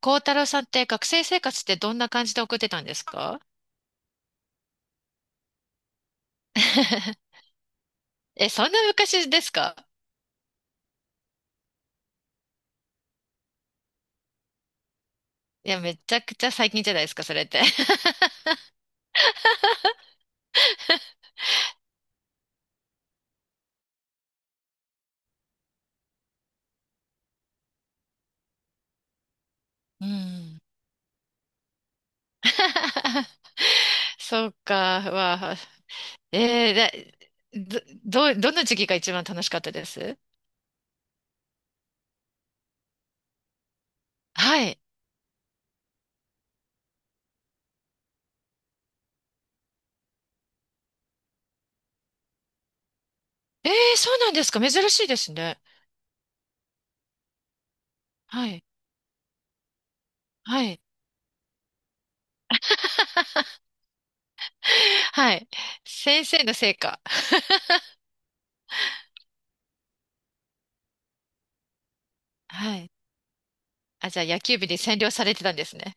孝太郎さんって学生生活ってどんな感じで送ってたんですか？ え、そんな昔ですか？いや、めちゃくちゃ最近じゃないですか、それって。うん。そうか、わあ。えー、だ、ど、ど、どの時期が一番楽しかったです？はい。えー、そうなんですか。珍しいですね。はい。はい。はい。先生のせいか。はい。あ、じゃあ野球部に占領されてたんですね。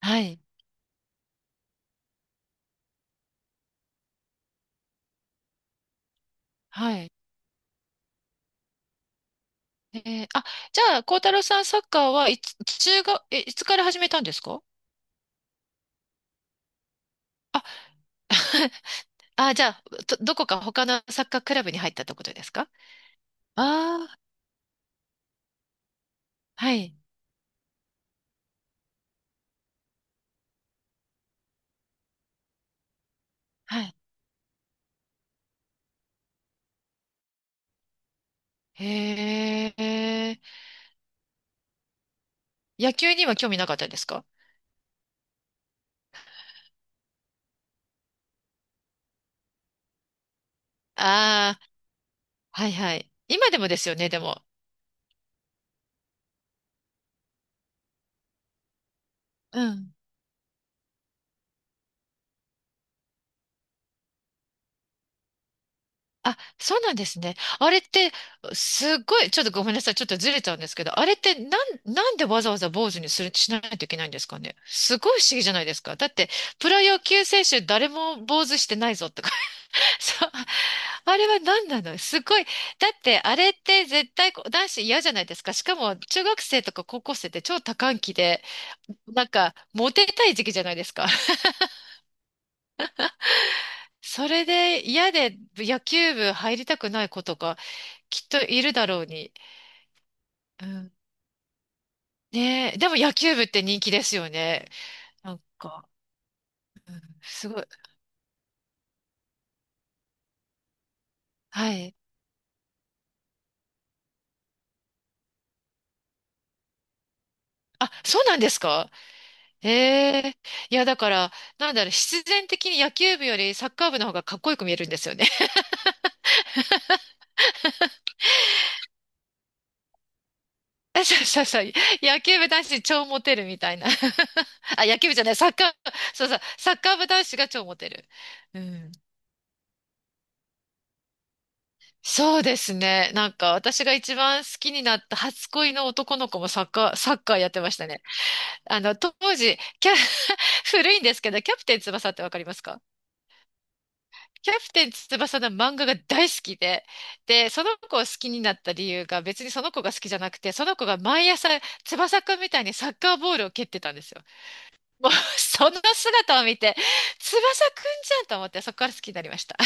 はい。はい。えー、あ、じゃあ、孝太郎さん、サッカーはいつ、中学、え、いつから始めたんですか？あ、あ、じゃあ、どこか他のサッカークラブに入ったってことですか？ああー、はい、はい。へえ、野球には興味なかったですか？ああー、はいはい。今でもですよね、でも。うん。あ、そうなんですね。あれって、すっごい、ちょっとごめんなさい。ちょっとずれちゃうんですけど、あれって、なんでわざわざ坊主にする、しないといけないんですかね。すごい不思議じゃないですか。だって、プロ野球選手誰も坊主してないぞとか。そう。あれは何なのすごい。だって、あれって絶対こう男子嫌じゃないですか。しかも、中学生とか高校生って超多感期で、なんか、モテたい時期じゃないですか。それで嫌で野球部入りたくない子とか、きっといるだろうに。うん、ねえ、でも野球部って人気ですよね。なんか、すごい。はい。あ、そうなんですか？ええ、いや、だから、なんだろう、必然的に野球部よりサッカー部の方がかっこよく見えるんですよね。そうそうそう。野球部男子超モテるみたいな。あ、野球部じゃない、サッカー、そうそう、サッカー部男子が超モテる。うん。そうですね。なんか、私が一番好きになった初恋の男の子もサッカー、サッカーやってましたね。あの、当時、キャ、古いんですけど、キャプテン翼ってわかりますか？キャプテン翼の漫画が大好きで、で、その子を好きになった理由が別にその子が好きじゃなくて、その子が毎朝翼くんみたいにサッカーボールを蹴ってたんですよ。もう、その姿を見て、翼くんじゃんと思って、そこから好きになりました。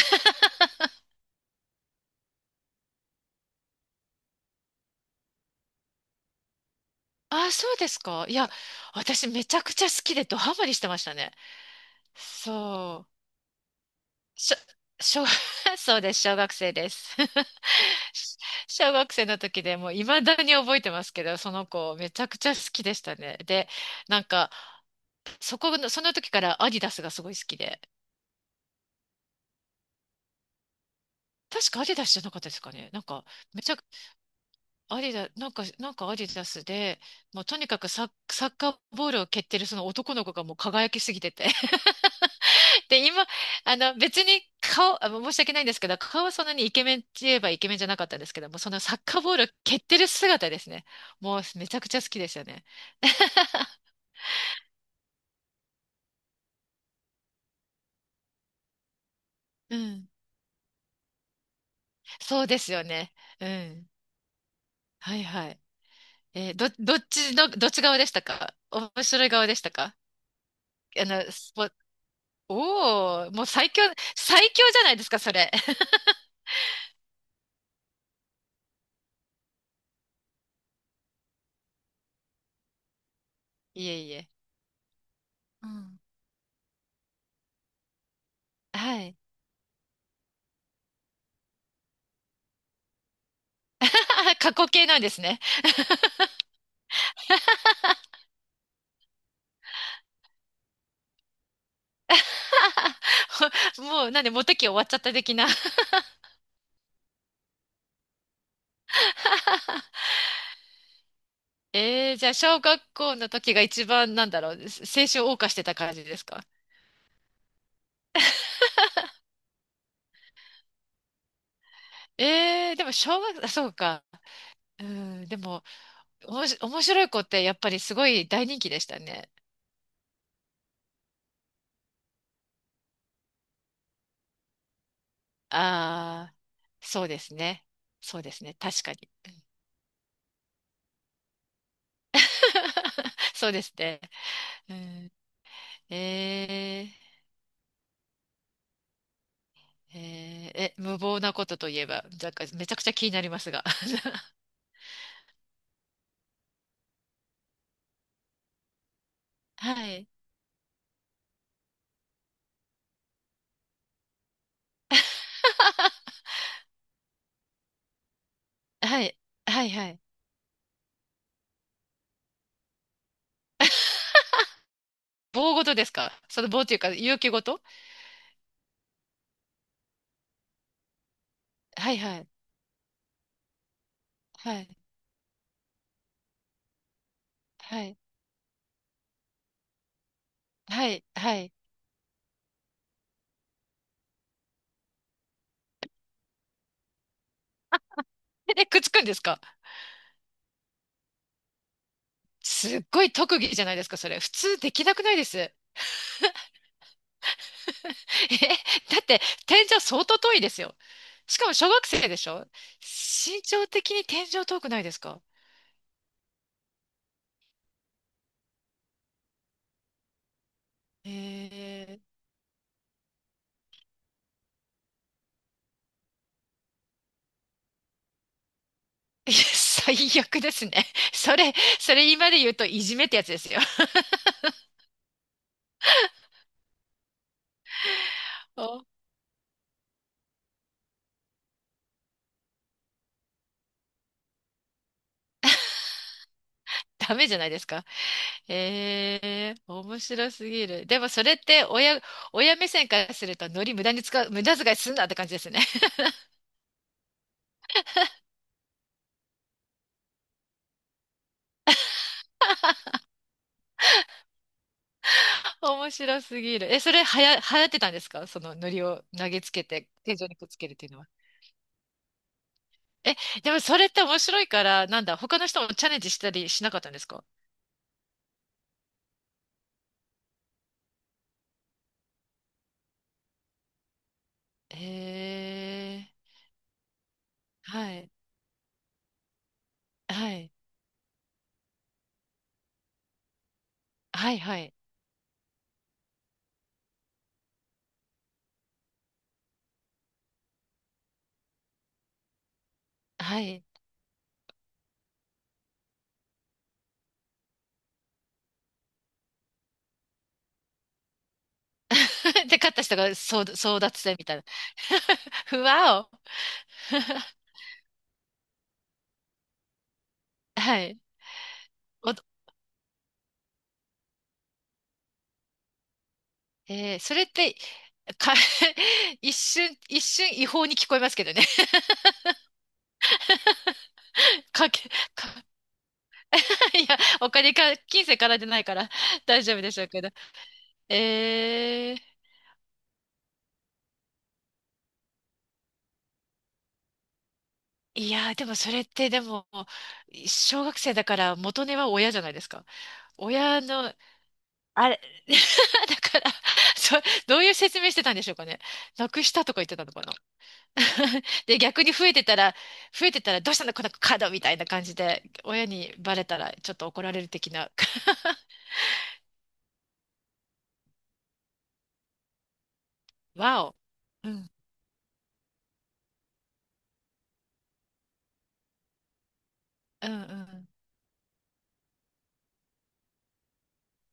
あ、そうですか？いや、私めちゃくちゃ好きでドハマりしてましたね。そう。しょ、小 そうです。小学生です。小学生の時でもう未だに覚えてますけど、その子めちゃくちゃ好きでしたね。で、なんか、そこの、その時からアディダスがすごい好きで、確かアディダスじゃなかったですかね。なんか、めちゃく、アディダ、なんか、なんかアディダスで、もうとにかくサッカーボールを蹴ってるその男の子がもう輝きすぎてて。で、今、あの、別に顔、あの申し訳ないんですけど、顔はそんなにイケメンって言えばイケメンじゃなかったんですけども、そのサッカーボールを蹴ってる姿ですね。もうめちゃくちゃ好きでしたね。うん。そうですよね。うん。はいはい。どっちの、どっち側でしたか？面白い側でしたか？あの、スポ、おお、もう最強、最強じゃないですか、それ。いえいえ。うん。はい。過去形なんですね。もう、なんで、モテ期終わっちゃった的な。えー、じゃあ、小学校の時が一番、なんだろう、青春を謳歌してた感じですか？えー、でも、小学、あそうか。うん、でも、おもし、面白い子ってやっぱりすごい大人気でしたね。ああ、そうですね。そうですね。確かに。そうですね。うん、えー、えーえ、無謀なことといえば、なんかめちゃくちゃ気になりますが。はい。はい。はいはい。棒ごとですか？その棒というか、勇気ごと？はいはい。はい。はい。はい。はい。え、くっつくんですか？すっごい特技じゃないですか、それ。普通できなくないです？え、だって天井相当遠いですよ。しかも小学生でしょ？身長的に天井遠くないですか？えー、いや最悪ですね。それ、それ今で言うといじめってやつですよ。お、ダメじゃないですか。えー、面白すぎる。でもそれって親、親目線からするとノリ無駄に使う、無駄遣いすんなって感じですね。面白すぎる。え、それはや、流行ってたんですか？そのノリを投げつけて天井にくっつけるっていうのは。え、でもそれって面白いから、なんだ、他の人もチャレンジしたりしなかったんですか？えー、はい、はい、はい、はい、はい。で、勝った人が争、争奪戦みたいな。ふわお。はい。お、えー、それって、か、一瞬、一瞬違法に聞こえますけどね。かけ、か、いや、お金か、金銭からでないから大丈夫でしょうけど。えー、いやー、でもそれってでも、小学生だから元値は親じゃないですか。親の、あれ、だから、そ、どういう説明してたんでしょうかね。なくしたとか言ってたのかな。で、逆に増えてたら、増えてたらどうしたのこのカードみたいな感じで、親にバレたらちょっと怒られる的な。わお。うん、うん、うん。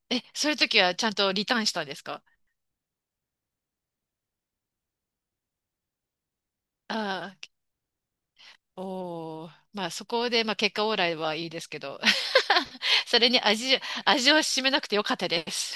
え、そういう時はちゃんとリターンしたんですか？ああー。おお、まあそこで、まあ、結果オーライはいいですけど、それに味、味を占めなくてよかったです。